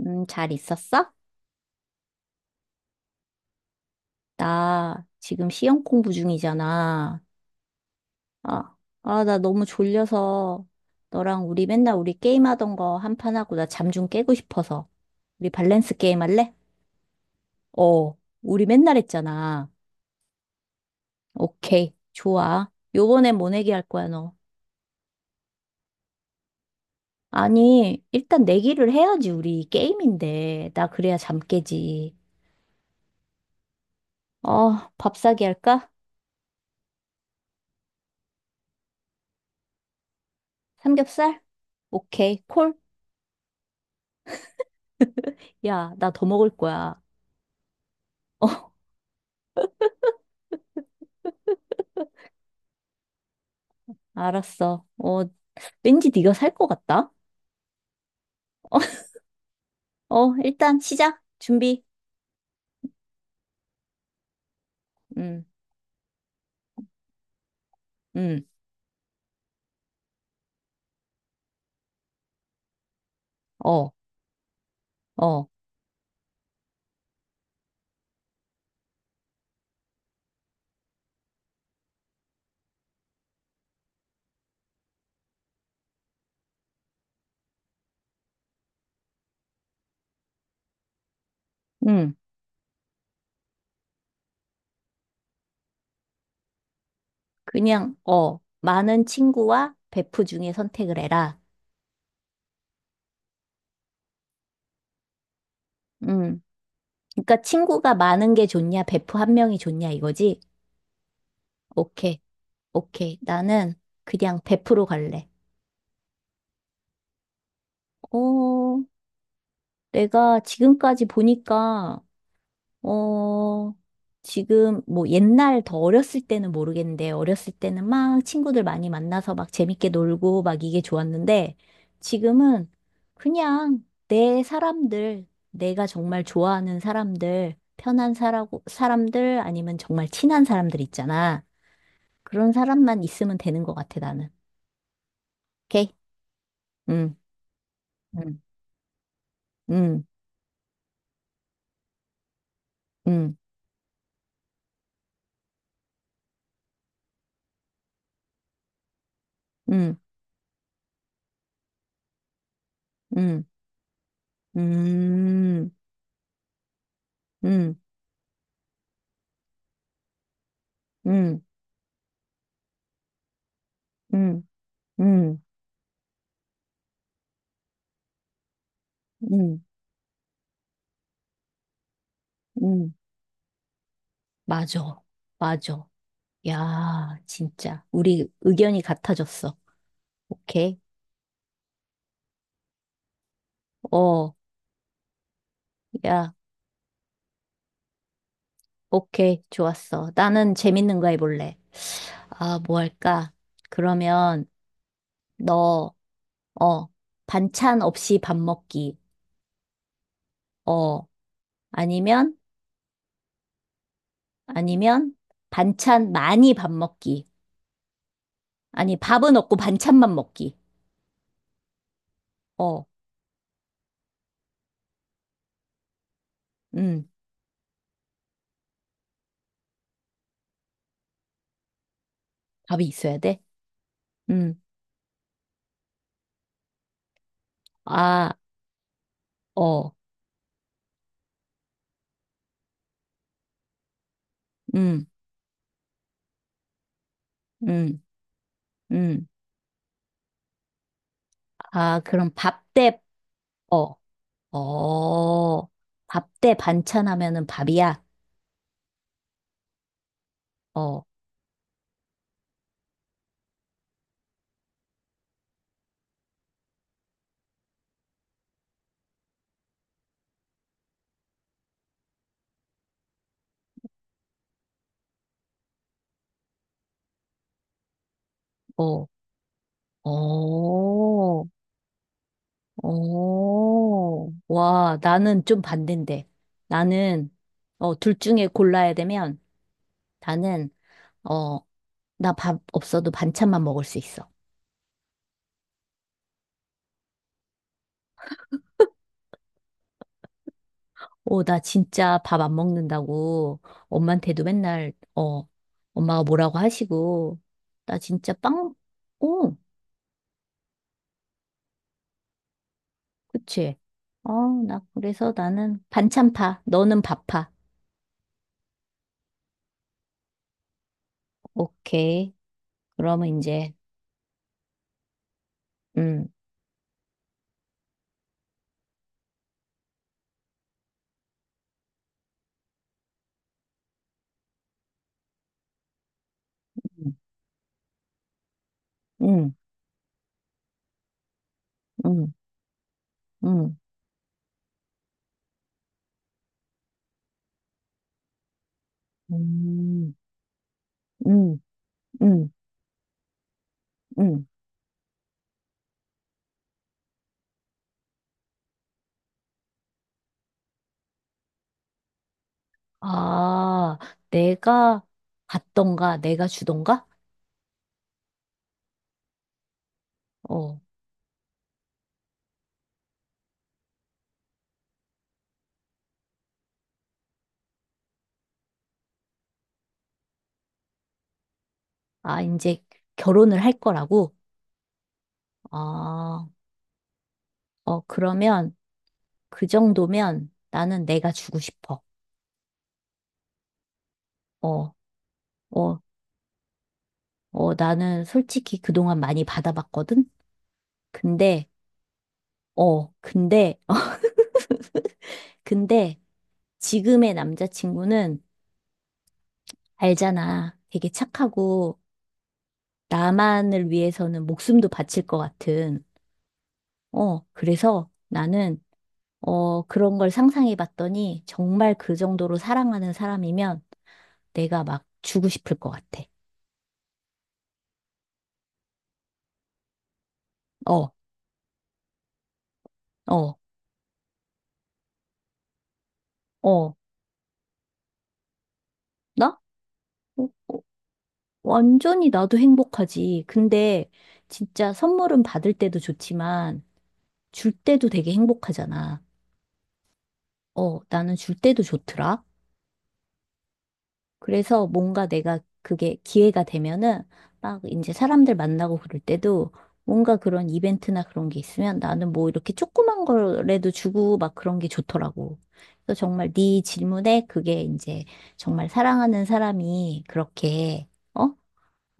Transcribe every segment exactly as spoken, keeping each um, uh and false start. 음, 잘 있었어? 나 지금 시험 공부 중이잖아. 아, 아, 나 너무 졸려서 너랑 우리 맨날 우리 게임하던 거 한 판 하고 나 잠 좀 깨고 싶어서. 우리 밸런스 게임 할래? 어, 우리 맨날 했잖아. 오케이, 좋아. 요번엔 뭐 내기 할 거야, 너? 아니, 일단 내기를 해야지, 우리 게임인데. 나 그래야 잠 깨지. 어, 밥 사기 할까? 삼겹살? 오케이, 콜? 야, 나 더 먹을 거야. 알았어. 어, 왠지 네가 살 것 같다. 어, 일단 시작. 준비. 음, 음, 어, 어, 음. 그냥 어, 많은 친구와 베프 중에 선택을 해라. 음. 그러니까 친구가 많은 게 좋냐, 베프 한 명이 좋냐 이거지? 오케이, 오케이. 나는 그냥 베프로 갈래. 어, 내가 지금까지 보니까 어, 지금 뭐 옛날 더 어렸을 때는 모르겠는데 어렸을 때는 막 친구들 많이 만나서 막 재밌게 놀고 막 이게 좋았는데 지금은 그냥 내 사람들, 내가 정말 좋아하는 사람들, 편한 사라고, 사람들 아니면 정말 친한 사람들 있잖아. 그런 사람만 있으면 되는 것 같아, 나는. 오케이? 응, 응, 응, 응, 응, 응, 응, 응, 응, 응, 응, 응, 응. 응. 맞아. 맞아. 야, 진짜. 우리 의견이 같아졌어. 오케이. 어, 야, 오케이. 좋았어. 나는 재밌는 거 해볼래. 아, 뭐 할까? 그러면, 너, 어, 반찬 없이 밥 먹기. 어, 아니면, 아니면, 반찬 많이 밥 먹기. 아니, 밥은 없고 반찬만 먹기. 어, 음, 밥이 있어야 돼? 음, 아, 어, 음, 음, 음. 아, 그럼 밥 대, 어, 어, 밥 대 반찬 하면은 밥이야? 어, 어, 어, 어. 와, 나는 좀 반대인데. 나는, 어, 둘 중에 골라야 되면, 나는, 어, 나 밥 없어도 반찬만 먹을 수 있어. 어, 나 진짜 밥 안 먹는다고 엄마한테도 맨날, 어, 엄마가 뭐라고 하시고, 나 진짜 빵, 어, 그치? 어, 나, 그래서 나는 반찬파, 너는 밥파. 오케이. 그러면 이제, 음, 음, 음, 음, 음, 음, 음, 음. 음. 아, 내가 받던가, 내가 주던가? 어, 아, 이제 결혼을 할 거라고? 아, 어, 그러면 그 정도면 나는 내가 주고 싶어. 어, 어, 어, 나는 솔직히 그동안 많이 받아봤거든? 근데, 어, 근데, 어, 근데 지금의 남자친구는 알잖아. 되게 착하고 나만을 위해서는 목숨도 바칠 것 같은. 어, 그래서 나는, 어, 그런 걸 상상해 봤더니 정말 그 정도로 사랑하는 사람이면 내가 막 주고 싶을 것 같아. 어, 어, 어. 나? 어, 완전히 나도 행복하지. 근데 진짜 선물은 받을 때도 좋지만 줄 때도 되게 행복하잖아. 어, 나는 줄 때도 좋더라. 그래서 뭔가 내가 그게 기회가 되면은 막 이제 사람들 만나고 그럴 때도 뭔가 그런 이벤트나 그런 게 있으면 나는 뭐 이렇게 조그만 거라도 주고 막 그런 게 좋더라고. 그래서 정말 네 질문에 그게 이제 정말 사랑하는 사람이 그렇게 어?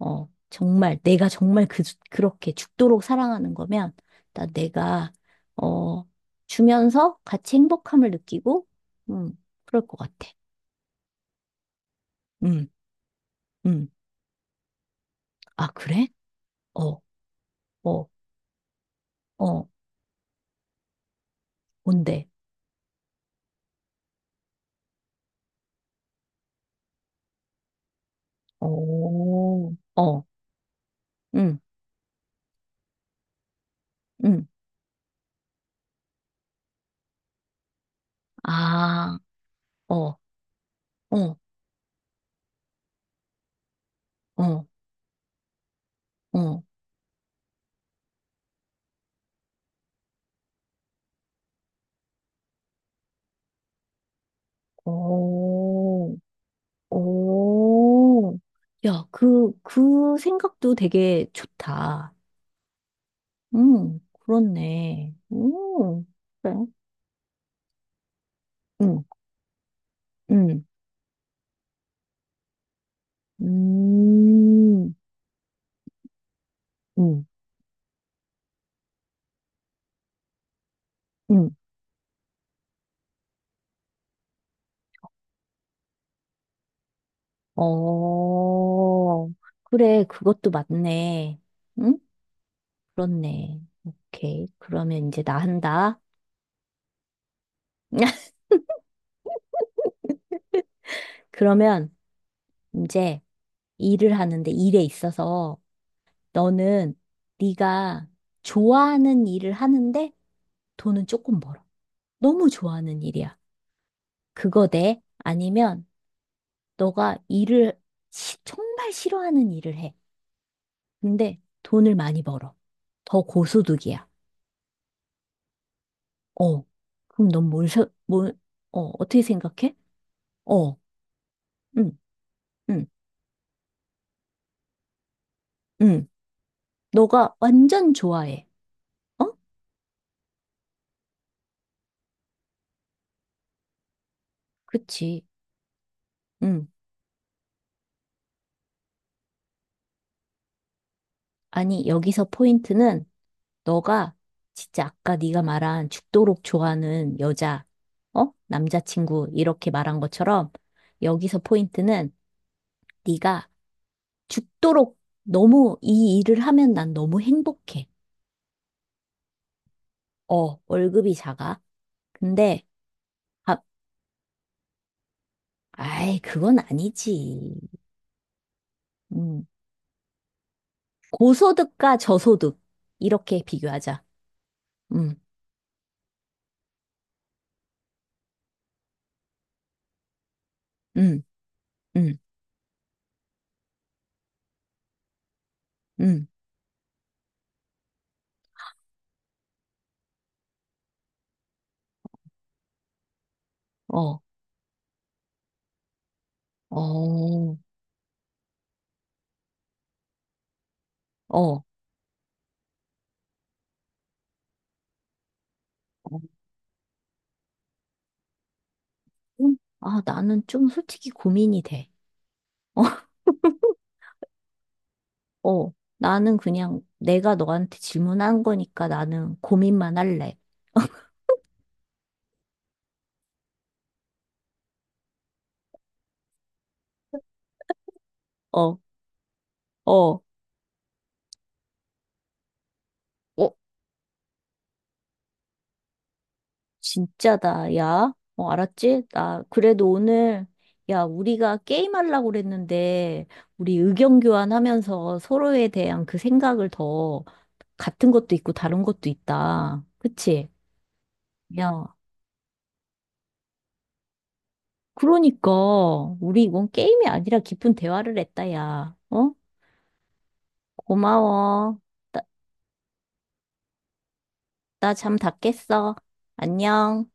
어, 정말 내가 정말 그 그렇게 죽도록 사랑하는 거면 나 내가 어 주면서 같이 행복함을 느끼고 음 그럴 것 같아. 음. 음. 아, 그래? 어, 어, 어, 뭔데? 오, 어, 응, 응, 아, 어, 어, 어, 어, 오, 오. 야, 그, 그 생각도 되게 좋다. 응, 그렇네. 응, 그래. 응, 응, 음, 응, 응, 어, 그래, 그것도 맞네. 응? 그렇네. 오케이. 그러면 이제 나 한다. 그러면 이제 일을 하는데 일에 있어서 너는 네가 좋아하는 일을 하는데 돈은 조금 벌어. 너무 좋아하는 일이야. 그거 돼? 아니면 너가 일을 시- 정말 싫어하는 일을 해. 근데 돈을 많이 벌어. 더 고소득이야. 어. 그럼 넌 뭘, 서- 뭘, 어, 어떻게 생각해? 어. 응, 응, 응. 너가 완전 좋아해. 어? 그치. 응. 아니, 여기서 포인트는 너가 진짜 아까 네가 말한 죽도록 좋아하는 여자, 어? 남자친구 이렇게 말한 것처럼 여기서 포인트는 네가 죽도록 너무 이 일을 하면 난 너무 행복해. 어, 월급이 작아. 근데 아, 아이, 그건 아니지. 음. 고소득과 저소득 이렇게 비교하자. 음. 음. 음. 음. 어. 어. 어, 어, 좀- 아, 나는 좀 솔직히 고민이 돼. 어, 나는 그냥 내가 너한테 질문한 거니까 나는 고민만 할래. 어, 어, 어, 진짜다, 야. 어, 알았지? 나, 그래도 오늘, 야, 우리가 게임하려고 그랬는데, 우리 의견 교환하면서 서로에 대한 그 생각을 더, 같은 것도 있고 다른 것도 있다. 그치? 야, 그러니까, 우리 이건 게임이 아니라 깊은 대화를 했다, 야. 어? 고마워. 나, 나잠 다 깼어. 안녕.